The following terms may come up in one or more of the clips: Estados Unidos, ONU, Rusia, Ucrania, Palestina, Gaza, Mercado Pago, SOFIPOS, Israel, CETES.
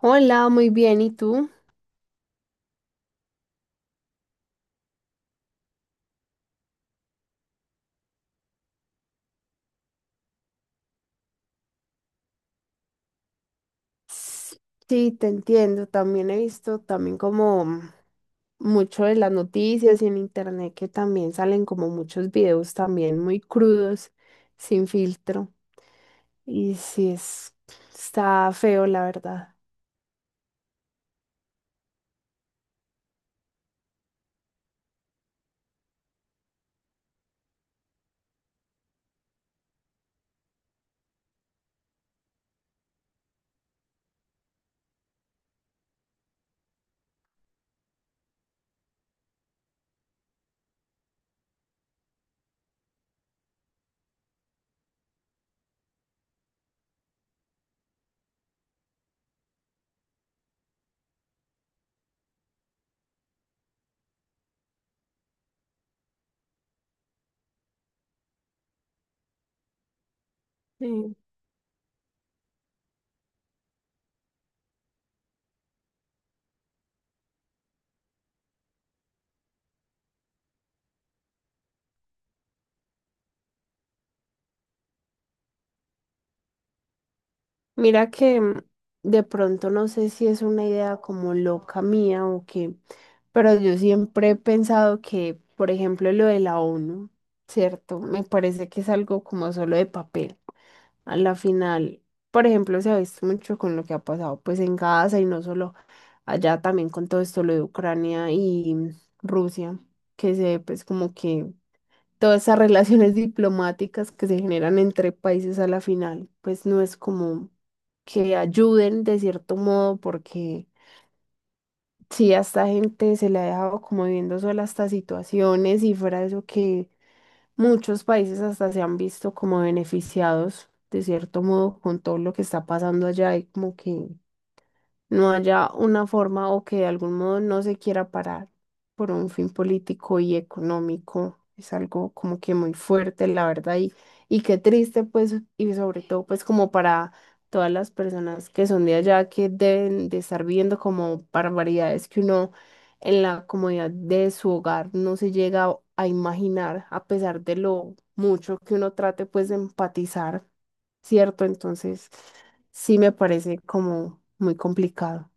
Hola, muy bien, ¿y tú? S- Sí, te entiendo. También he visto también como mucho de las noticias y en internet que también salen como muchos videos también muy crudos, sin filtro. Y sí es, está feo, la verdad. Mira que de pronto no sé si es una idea como loca mía o qué, pero yo siempre he pensado que, por ejemplo, lo de la ONU, ¿cierto? Me parece que es algo como solo de papel. A la final, por ejemplo, se ha visto mucho con lo que ha pasado pues en Gaza y no solo allá, también con todo esto lo de Ucrania y Rusia, que se ve pues como que todas esas relaciones diplomáticas que se generan entre países a la final, pues no es como que ayuden de cierto modo, porque sí, a esta gente se le ha dejado como viviendo sola estas situaciones y fuera de eso que muchos países hasta se han visto como beneficiados de cierto modo con todo lo que está pasando allá y como que no haya una forma o que de algún modo no se quiera parar por un fin político y económico. Es algo como que muy fuerte, la verdad, y qué triste, pues, y sobre todo, pues, como para todas las personas que son de allá, que deben de estar viendo como barbaridades que uno en la comodidad de su hogar no se llega a imaginar, a pesar de lo mucho que uno trate, pues, de empatizar. ¿Cierto? Entonces, sí me parece como muy complicado.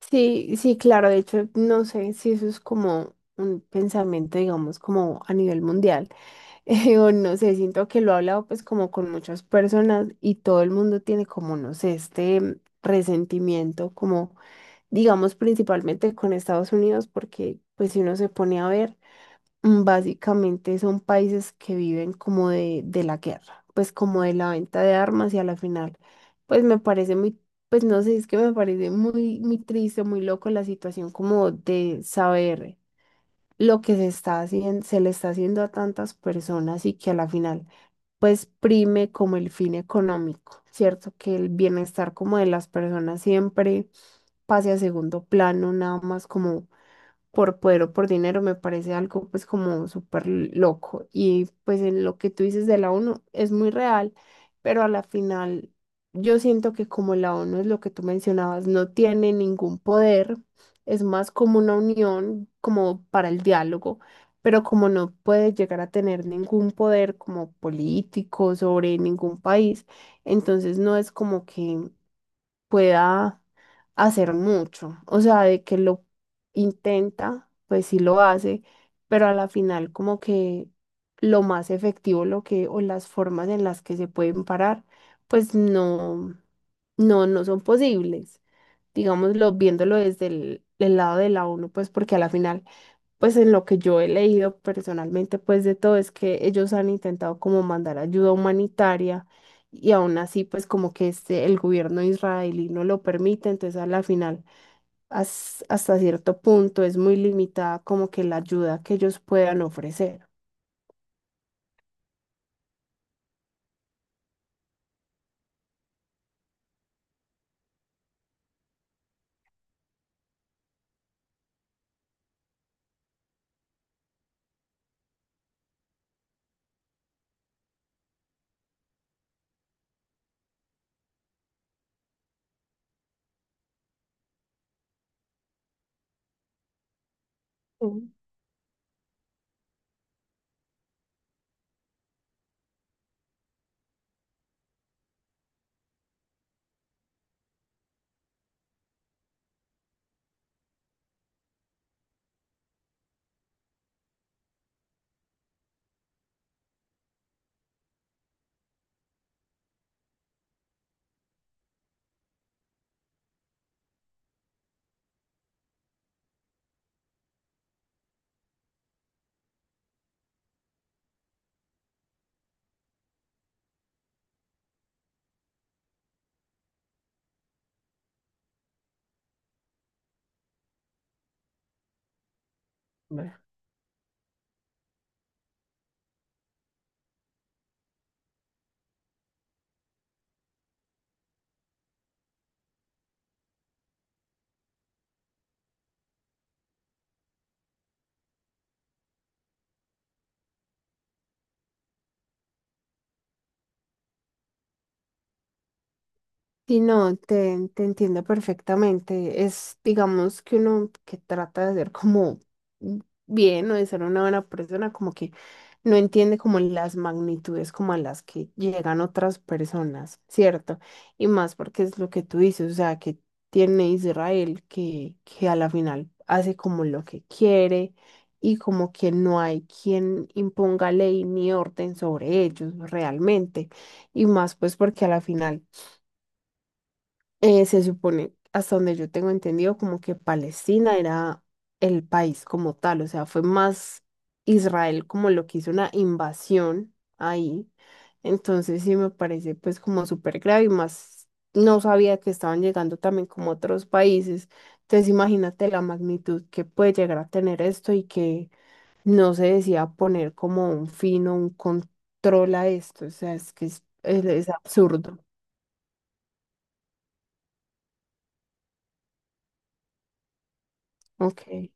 Sí, sí, claro, de hecho, no sé si eso es como un pensamiento, digamos, como a nivel mundial, o no sé, siento que lo he hablado pues como con muchas personas y todo el mundo tiene como, no sé, este resentimiento como, digamos, principalmente con Estados Unidos, porque pues si uno se pone a ver... Básicamente son países que viven como de la guerra, pues como de la venta de armas y a la final, pues me parece muy, pues no sé, es que me parece muy, muy triste, muy loco la situación como de saber lo que se está haciendo, se le está haciendo a tantas personas y que a la final pues prime como el fin económico, ¿cierto? Que el bienestar como de las personas siempre pase a segundo plano, nada más como por poder o por dinero me parece algo pues como súper loco. Y pues en lo que tú dices de la ONU es muy real, pero a la final yo siento que como la ONU es lo que tú mencionabas, no tiene ningún poder, es más como una unión, como para el diálogo. Pero como no puede llegar a tener ningún poder como político sobre ningún país, entonces no es como que pueda hacer mucho. O sea, de que lo intenta, pues sí lo hace, pero a la final como que lo más efectivo, lo que, o las formas en las que se pueden parar, pues no, no, no son posibles digámoslo, viéndolo desde el lado de la ONU, pues porque a la final, pues en lo que yo he leído personalmente, pues de todo es que ellos han intentado como mandar ayuda humanitaria y aún así, pues como que este, el gobierno israelí no lo permite, entonces a la final, hasta cierto punto es muy limitada como que la ayuda que ellos puedan ofrecer. Mm. Sí, no, te entiendo perfectamente. Es, digamos, que uno que trata de ser como bien o de ser una buena persona, como que no entiende como las magnitudes como a las que llegan otras personas, ¿cierto? Y más porque es lo que tú dices, o sea, que tiene Israel que a la final hace como lo que quiere y como que no hay quien imponga ley ni orden sobre ellos realmente. Y más pues porque a la final se supone, hasta donde yo tengo entendido, como que Palestina era el país como tal, o sea, fue más Israel como lo que hizo una invasión ahí. Entonces sí me parece pues como súper grave y más no sabía que estaban llegando también como otros países. Entonces imagínate la magnitud que puede llegar a tener esto y que no se decía poner como un fin o un control a esto, o sea, es que es absurdo. Ok.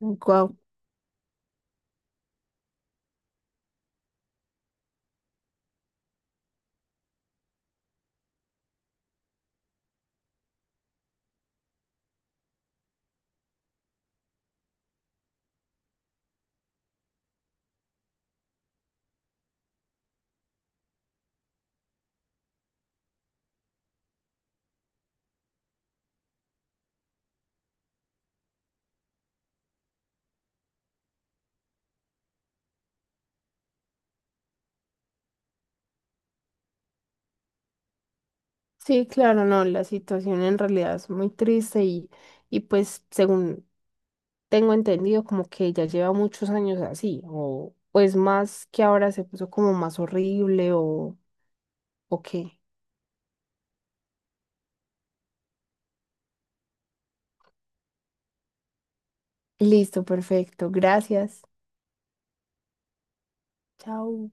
Guau. Sí, claro, no, la situación en realidad es muy triste y pues según tengo entendido como que ya lleva muchos años así, o pues más que ahora se puso como más horrible o qué. Listo, perfecto, gracias. Chao.